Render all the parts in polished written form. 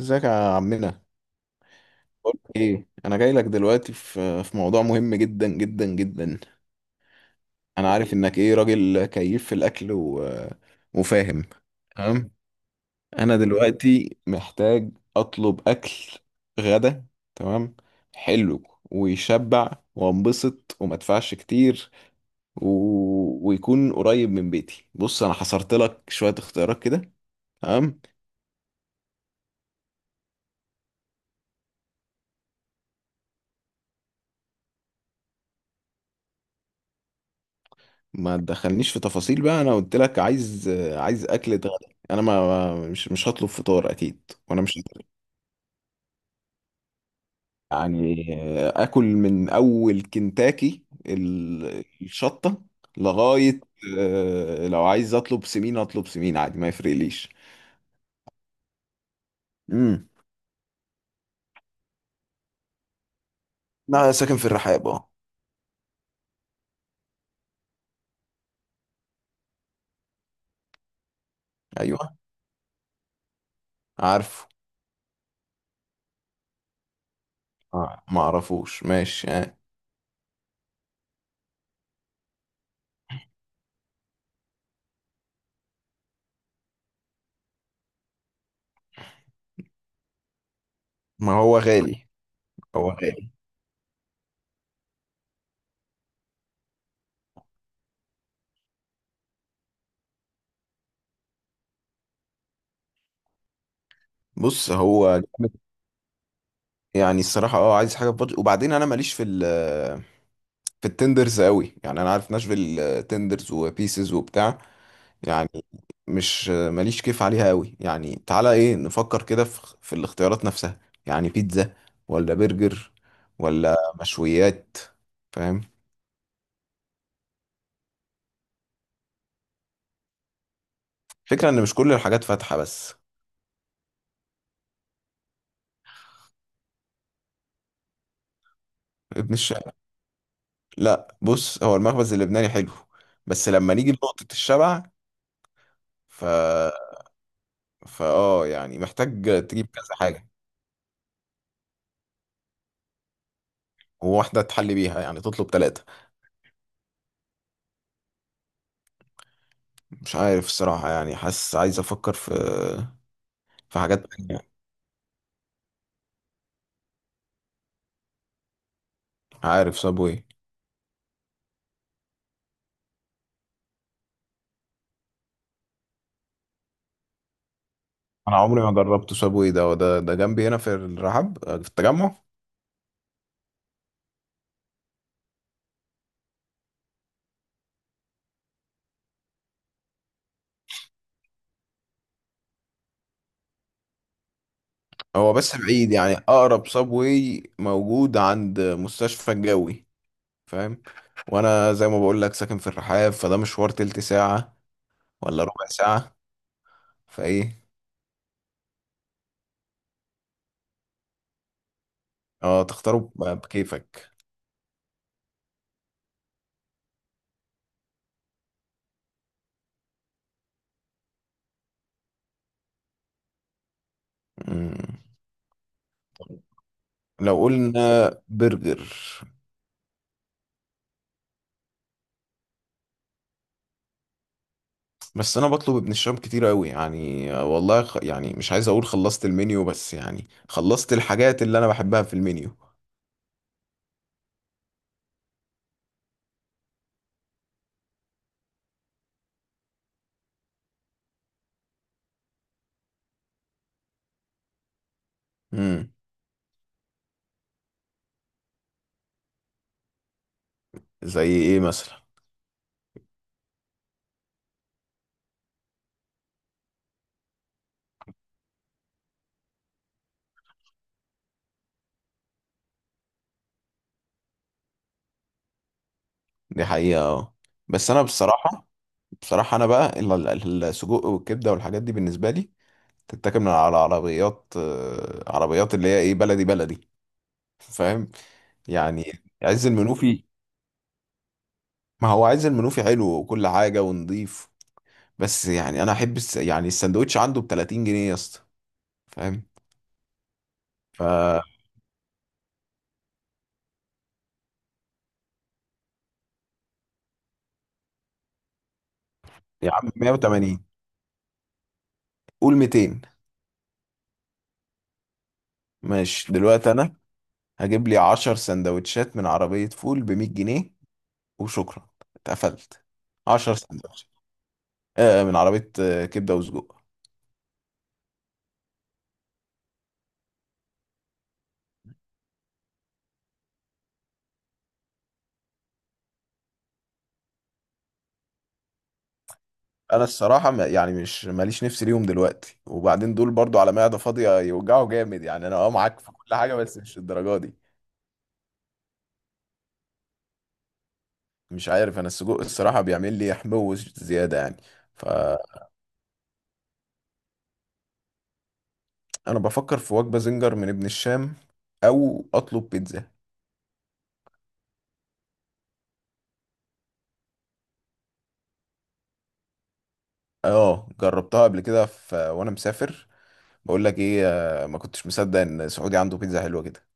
ازيك يا عمنا. بقولك ايه، انا جاي لك دلوقتي في موضوع مهم جدا جدا جدا. انا عارف انك ايه راجل كيف في الاكل وفاهم. تمام. انا دلوقتي محتاج اطلب اكل غدا. تمام، حلو، ويشبع وانبسط وما ادفعش كتير ويكون قريب من بيتي. بص، انا حصرت لك شوية اختيارات كده. تمام. ما تدخلنيش في تفاصيل بقى، انا قلت لك عايز اكل غدا. انا مش هطلب فطار اكيد، وانا مش هطلب. يعني اكل من اول كنتاكي الشطه لغايه. لو عايز اطلب سمين اطلب سمين عادي، ما يفرقليش. امم انا ساكن في الرحاب، اه. ايوه، عارفه. ما اعرفوش، ماشي. آه. ما هو غالي، هو غالي. بص، هو جامد. يعني الصراحه، اه، عايز حاجه في بادجت، وبعدين انا ماليش في التندرز قوي، يعني انا عارف ناشفيل، تندرز وبيسز وبتاع. يعني مش ماليش كيف عليها قوي، يعني تعالى ايه، نفكر كده في الاختيارات نفسها. يعني بيتزا ولا برجر ولا مشويات؟ فاهم. فكرة ان مش كل الحاجات فاتحة بس. ابن الشارع. لا بص، هو المخبز اللبناني حلو، بس لما نيجي لنقطة الشبع، ف، فاه، يعني محتاج تجيب كذا حاجة. وواحدة تحلي بيها، يعني تطلب ثلاثة. مش عارف الصراحة، يعني حاسس عايز أفكر في في حاجات تانية. عارف سابوي. أنا عمري ما جربت سابوي، ده جنبي هنا في الرحاب، في التجمع. هو بس بعيد، يعني أقرب سابوي موجود عند مستشفى الجوي. فاهم. وأنا زي ما بقول لك ساكن في الرحاب، فده مشوار تلت ساعة ولا ربع ساعة. فإيه. اه، تختاره بكيفك. مم. لو قلنا برجر. بس انا بطلب ابن الشام كتير قوي، يعني والله يعني مش عايز اقول خلصت المنيو، بس يعني خلصت الحاجات اللي انا بحبها في المنيو. امم زي ايه مثلا؟ دي حقيقة، اه. بس انا بصراحة انا بقى السجق والكبدة والحاجات دي بالنسبة لي تتاكل من على عربيات، عربيات اللي هي ايه، بلدي بلدي. فاهم. يعني عز المنوفي. ما هو عز المنوفي حلو وكل حاجة ونضيف. بس يعني انا احب يعني السندوتش عنده ب 30 جنيه يا اسطى. فاهم. ف، يا عم 180. قول 200. ماشي، دلوقتي انا هجيب لي 10 سندوتشات من عربية فول ب 100 جنيه، وشكرا. اتقفلت. 10 سندوتشات، من عربية، كبدة وسجق. انا الصراحة ما يعني مش ماليش نفس ليهم دلوقتي، وبعدين دول برضو على معدة فاضية يوجعوا جامد. يعني انا اه، معاك في كل حاجة، بس مش الدرجة دي. مش عارف، انا السجق الصراحة بيعمل لي حموضة زيادة يعني. فانا بفكر في وجبة زنجر من ابن الشام، او اطلب بيتزا. اه، جربتها قبل كده في وانا مسافر. بقول لك ايه، ما كنتش مصدق ان سعودي عنده بيتزا حلوه كده.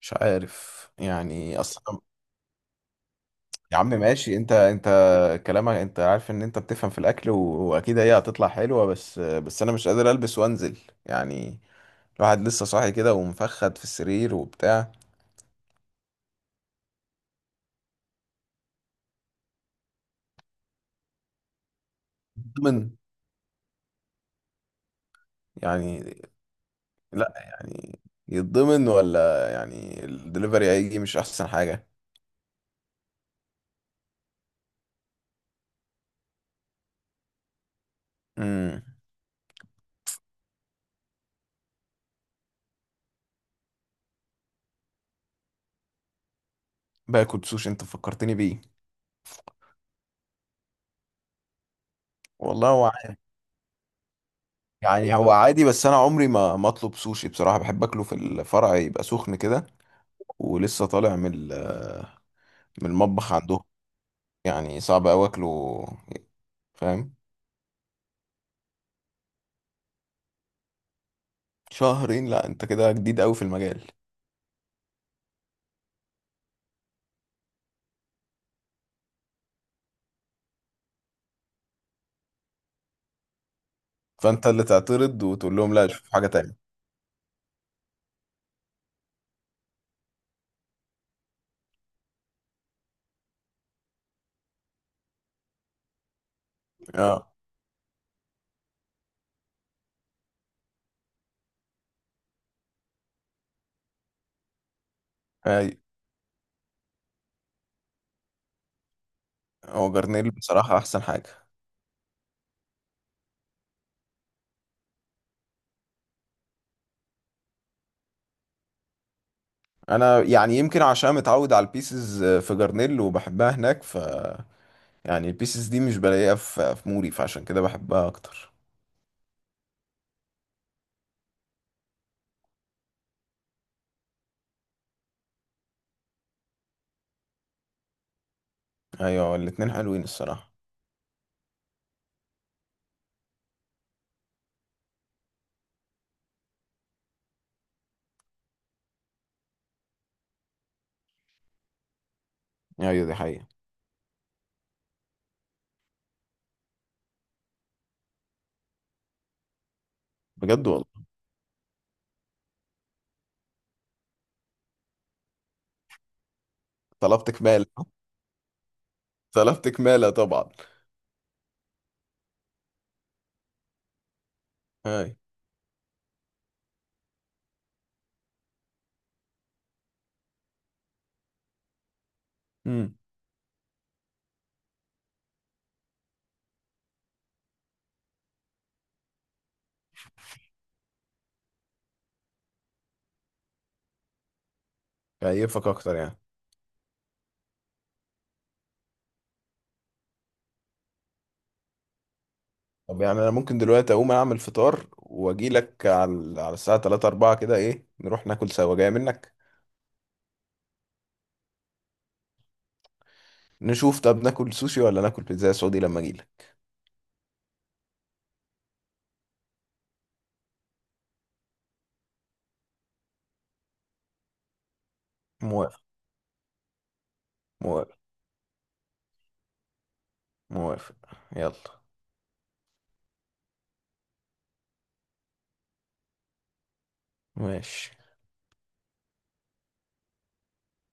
مش عارف يعني اصلا. يا عم ماشي، انت كلامك، انت عارف ان انت بتفهم في الاكل واكيد هي هتطلع حلوه، بس انا مش قادر البس وانزل، يعني الواحد لسه صاحي كده، ومفخد في السرير وبتاع. يتضمن يعني؟ لا يعني يتضمن، ولا يعني الدليفري هيجي مش احسن حاجه؟ امم باكل سوشي، انت فكرتني بيه. والله هو يعني هو عادي، بس انا عمري ما اطلب سوشي بصراحه، بحب اكله في الفرع يبقى سخن كده، ولسه طالع من المطبخ عندهم. يعني صعب قوي اكله. فاهم. شهرين؟ لا، انت كده جديد قوي في المجال. فانت اللي تعترض وتقول لهم لا، شوف حاجه تانية. اه. هاي. هو جرنيل بصراحه احسن حاجه. انا يعني يمكن عشان متعود على البيسز في جرنيل وبحبها هناك، ف يعني البيسز دي مش بلاقيها في موري، فعشان كده بحبها اكتر. ايوه، الاتنين حلوين الصراحه. ايوه، دي حقيقة. بجد والله. طلبت كمالة، طلبت كمالة طبعا. هاي. امم كيفك اكتر يعني؟ طب يعني انا ممكن دلوقتي اقوم اعمل فطار واجي لك على الساعة 3 4 كده، ايه نروح ناكل سوا؟ جاي منك. نشوف، طب ناكل سوشي ولا ناكل بيتزا سعودي لما اجي لك؟ موافق. موافق. موافق. يلا. ماشي.